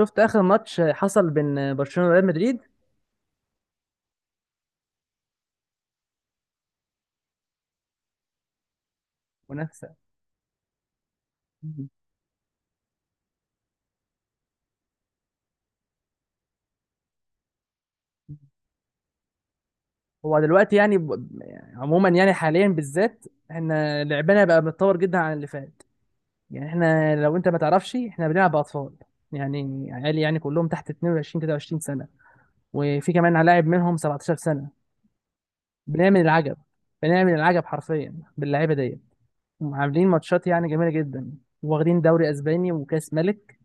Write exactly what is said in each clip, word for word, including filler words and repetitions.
شفت اخر ماتش حصل بين برشلونه وريال مدريد منافسه. هو دلوقتي يعني ب... يعني عموما يعني حاليا بالذات، احنا لعبنا بقى متطور جدا عن اللي فات. يعني احنا لو انت ما تعرفش احنا بنلعب اطفال، يعني عيال يعني كلهم تحت اثنين وعشرين ثلاثة وعشرين سنه، وفي كمان لاعب منهم سبعتاشر سنه. بنعمل العجب، بنعمل العجب حرفيا باللعيبه دي، عاملين ماتشات يعني جميله جدا، واخدين دوري اسباني وكاس ملك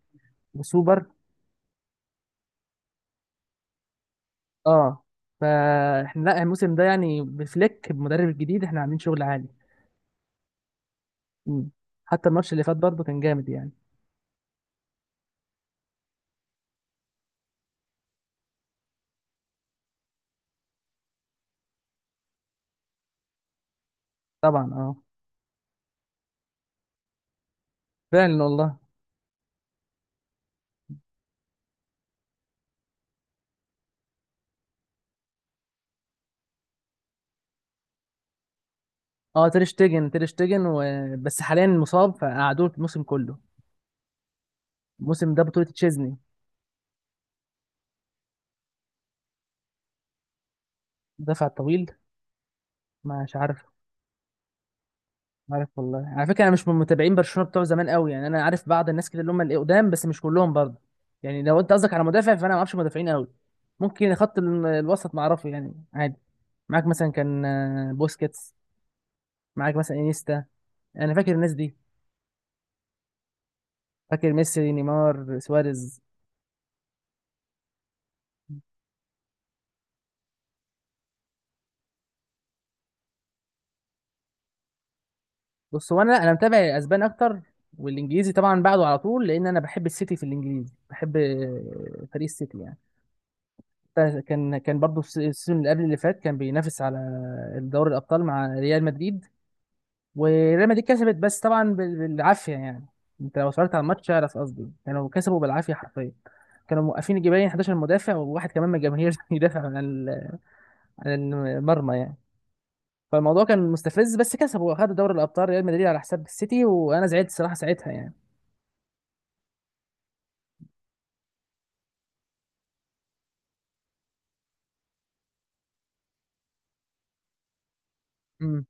وسوبر. اه فاحنا لا الموسم ده يعني بفليك بمدرب الجديد احنا عاملين شغل عالي. مم. حتى الماتش اللي فات برضه كان جامد يعني. طبعا اه. فعلا والله. اه تير شتيجن، تير شتيجن و... بس حاليا مصاب فقعدوه الموسم كله. الموسم ده بطولة تشيزني. دفع طويل. مش عارف. عارف والله، على فكره انا مش من متابعين برشلونه بتوع زمان قوي، يعني انا عارف بعض الناس كده اللي هم القدام بس مش كلهم برضه. يعني لو انت قصدك على مدافع فانا ما اعرفش مدافعين قوي. ممكن خط ال- الوسط ما اعرفه يعني عادي. معاك مثلا كان آه، بوسكيتس. معاك مثلا انيستا. انا فاكر الناس دي. فاكر ميسي نيمار سواريز. بص هو انا انا متابع الاسبان اكتر، والانجليزي طبعا بعده على طول لان انا بحب السيتي، في الانجليزي بحب آه، فريق السيتي يعني. حتى كان كان برضه في السيزون اللي قبل اللي فات كان بينافس على دوري الابطال مع ريال مدريد، وريال مدريد كسبت بس طبعا بال- بالعافيه يعني. انت لو اتفرجت على الماتش اعرف قصدي، كانوا كسبوا بالعافيه حرفيا. كانوا موقفين جبالين حداشر مدافع وواحد كمان من الجماهير يدافع عن ال- عن المرمى يعني. فالموضوع كان مستفز بس كسبوا واخدوا دوري الابطال ريال مدريد على حساب السيتي، وانا زعلت الصراحه ساعتها يعني. امم.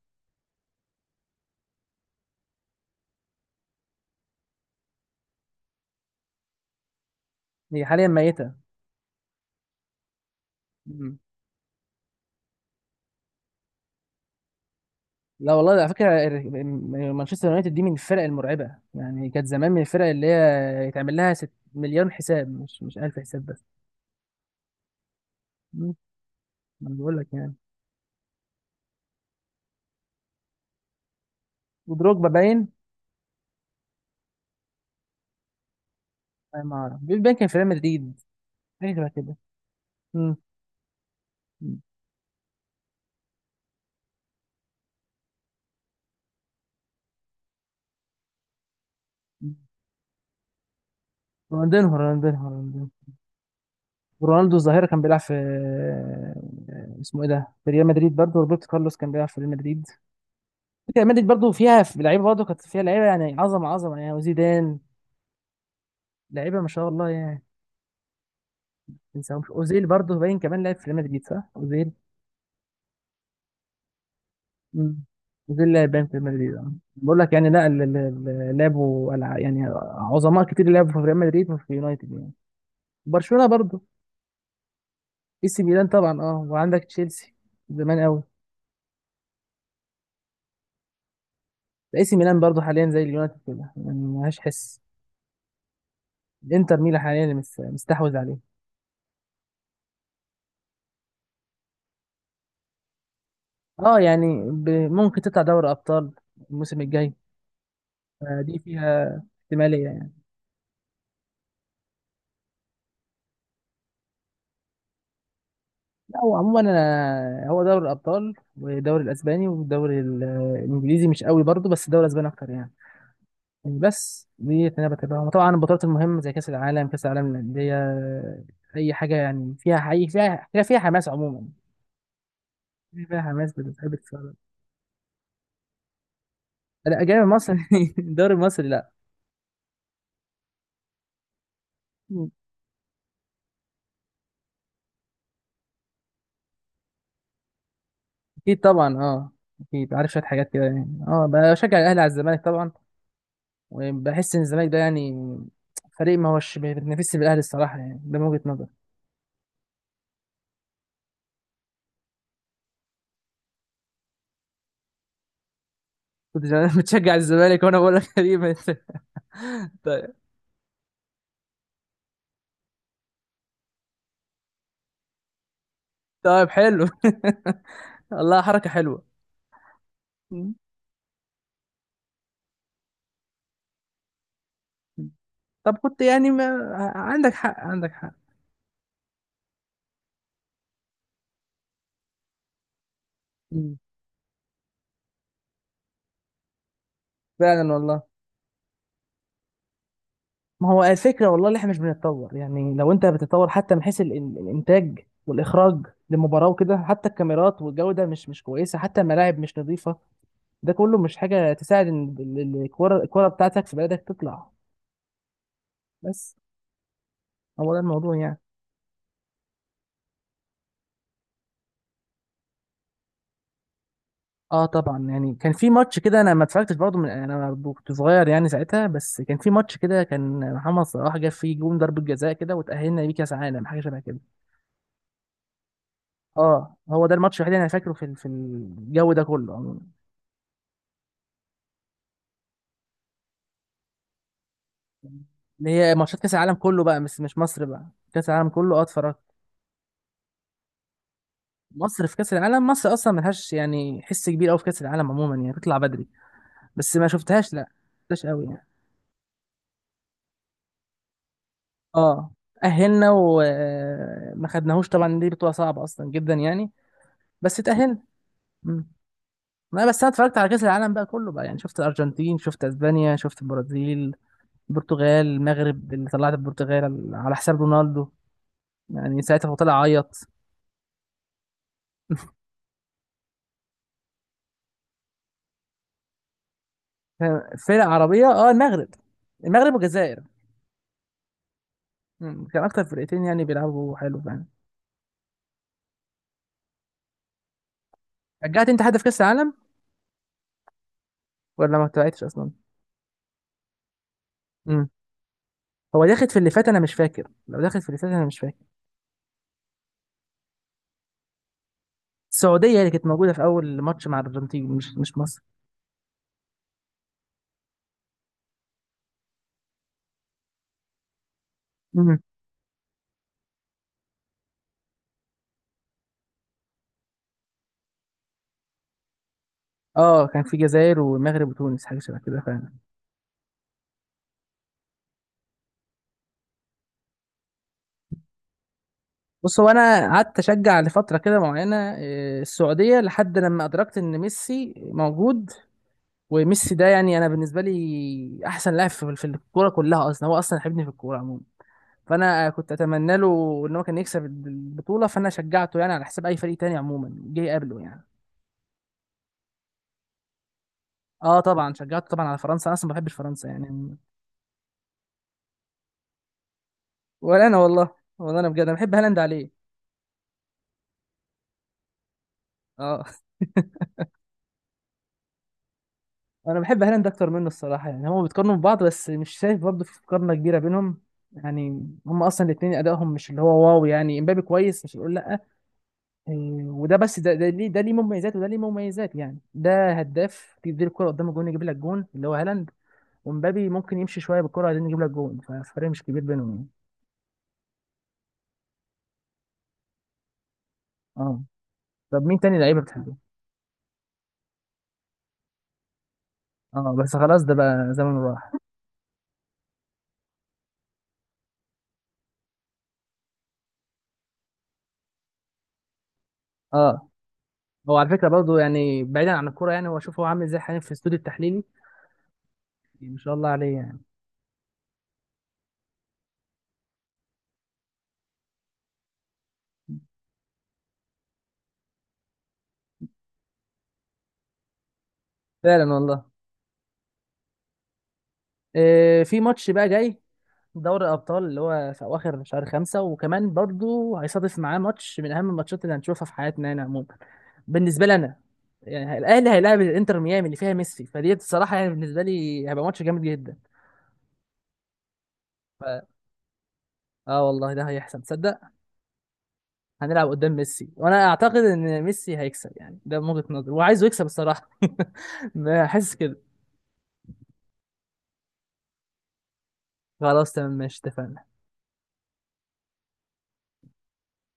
هي حاليا ميته. لا والله على فكره، ال- مانشستر يونايتد دي من الفرق المرعبه يعني، كانت زمان من الفرق اللي هي يتعمل لها ست مليون حساب، مش مش الف حساب بس. مم. ما انا بقول لك يعني. ودروجبا باين. أنا ما اعرف، بيل باين كان في ريال مدريد. حاجه شبه كده. مم. مم. رونالدينهو رونالدينهو رونالدينهو. رونالدو الظاهره كان بيلعب في آه، اسمه ايه ده، في ريال مدريد برضه، روبرتو كارلوس كان بيلعب في ريال مدريد. فكرة ريال مدريد برضه فيها، في لعيبه برضه كانت فيها لعيبه يعني عظمه عظمه يعني، وزيدان. لعيبه ما شاء الله يعني. تنساهمش اوزيل، برضه باين كمان لعب في ريال مدريد، صح اوزيل؟ مم. اوزيل لعب باين في ريال مدريد اه، بقول لك يعني، لا ال- ال- ال- لعبوا الع- يعني عظماء كتير لعبوا في ريال مدريد وفي يونايتد يعني. برشلونة برضه. اي سي ميلان طبعا اه، وعندك تشيلسي زمان قوي. اي سي ميلان برضه حاليا زي اليونايتد كده يعني ملهاش حس. الانتر ميلان حاليا اللي مس- مستحوذ عليه. اه يعني ب- ممكن تطلع دوري ابطال الموسم الجاي. آه، دي فيها احتمالية. لا، هو عموما أنا، هو دوري الأبطال والدوري الأسباني، والدوري ال- الإنجليزي مش قوي برضه، بس الدوري الأسباني أكتر يعني. يعني بس دي اللي أنا بتابعها، طبعا البطولات المهمة زي كأس العالم، كأس العالم للأندية، أي حاجة يعني فيها حقيقي، فيها فيها فيها حماس عموما، فيها حماس بتحب تتفرج. لا أجانب مصر. الدوري المصري لا. أكيد طبعا أه، أكيد عارف شوية حاجات كده يعني، أه بشجع الأهلي على الزمالك طبعا. وبحس إن الزمالك ده يعني فريق ما هوش بيتنافسش بالأهلي الصراحة، يعني ده من وجهة نظري. كنت زمان بتشجع الزمالك، وانا بقول لك غريبه انت. طيب. طيب حلو. والله حركه حلوه. مم. طب كنت يعني ما... عندك حق، عندك حق. مم. فعلا والله، ما هو الفكره والله اللي احنا مش بنتطور، يعني لو انت بتتطور حتى من حيث ال- ال- الانتاج والاخراج للمباراه وكده، حتى الكاميرات والجوده مش مش كويسه، حتى الملاعب مش نظيفه. ده كله مش حاجه تساعد ان ال- ال- الكره الكره بتاعتك في بلدك تطلع. بس هو ده الموضوع يعني. اه طبعا، يعني كان في ماتش كده انا ما اتفرجتش برضه، من انا كنت صغير يعني ساعتها، بس كان في ماتش كده كان محمد صلاح جاب فيه جون ضربة جزاء كده وتأهلنا بيه كاس عالم، حاجه شبه كده. اه هو ده الماتش الوحيد اللي انا فاكره في ال- في الجو ده كله عموما. اللي هي ماتشات كاس العالم كله بقى، مش مش مصر بقى. كاس العالم كله اه اتفرجت. مصر في كاس العالم، مصر اصلا ملهاش يعني حس كبير قوي في كاس العالم عموما، يعني بتطلع بدري. بس ما شفتهاش لا، ما شفتهاش قوي يعني. اه أهلنا وما خدناهوش، طبعا دي بطولة صعبة أصلا جدا يعني، بس اتأهلنا. مم. لا بس انا اتفرجت على كأس العالم بقى كله بقى، يعني شفت الارجنتين، شفت اسبانيا، شفت البرازيل، البرتغال، المغرب اللي طلعت، البرتغال على حساب رونالدو يعني، ساعتها هو طلع عيط. فرق عربية اه، المغرب، المغرب والجزائر. مم. كان اكتر فرقتين يعني بيلعبوا حلو يعني. رجعت انت حد في كأس العالم ولا ما تبعتش اصلا؟ مم. هو داخل في اللي فات انا مش فاكر، لو داخل في اللي فات انا مش فاكر. السعودية اللي كانت موجودة في اول ماتش مع الارجنتين، مش مش مصر. مم. اه كان في جزائر والمغرب وتونس، حاجة شبه كده. بص هو انا قعدت اشجع لفتره كده معينه آه، السعوديه، لحد لما ادركت ان ميسي موجود. وميسي ده يعني انا بالنسبه لي احسن لاعب في في الكوره كلها اصلا، هو اصلا حبني في الكوره عموما. فانا كنت اتمنى له ان هو كان يكسب البطوله، فانا شجعته يعني على حساب اي فريق تاني عموما جه قبله يعني. اه طبعا شجعته طبعا على فرنسا، انا اصلا ما بحبش فرنسا يعني. ولا انا والله، والله انا بجد انا بحب هالاند عليه. اه. انا بحب هالاند اكتر منه الصراحه يعني، هما بيتقارنوا ببعض بس مش شايف برضه في مقارنه كبيره بينهم يعني، هما اصلا الاثنين ادائهم مش اللي هو واو يعني، امبابي كويس مش هنقول لا. إيه، وده بس، ده ده ليه ده ليه مميزات وده ليه مميزات يعني، ده هداف تديله الكره قدام الجون يجيب لك جون اللي هو هالاند، ومبابي ممكن يمشي شويه بالكره عشان يجيب لك جون، فالفرق مش كبير بينهم يعني. اه طب مين تاني لعيبه بتحبه؟ اه بس خلاص ده بقى زمن راح. اه هو على فكره برضه يعني بعيدا عن الكوره، يعني هو شوف هو عامل ازاي حاليا في الاستوديو التحليلي، يعني ما شاء الله عليه يعني. فعلا والله. آه، في ماتش بقى جاي، دوري الابطال اللي هو في اواخر شهر خمسة، وكمان برضو هيصادف معاه ماتش من اهم الماتشات اللي هنشوفها في حياتنا هنا عموما، بالنسبه لي انا. يعني الاهلي هيلاعب الانتر ميامي اللي فيها ميسي، فدي الصراحه يعني بالنسبه لي هيبقى ماتش جامد جدا. ف... اه والله ده هيحصل تصدق. هنلعب قدام ميسي وانا اعتقد ان ميسي هيكسب، يعني ده من وجهه نظري وعايزه يكسب الصراحه. بحس كده. خلاص تمام، ماشي اتفقنا.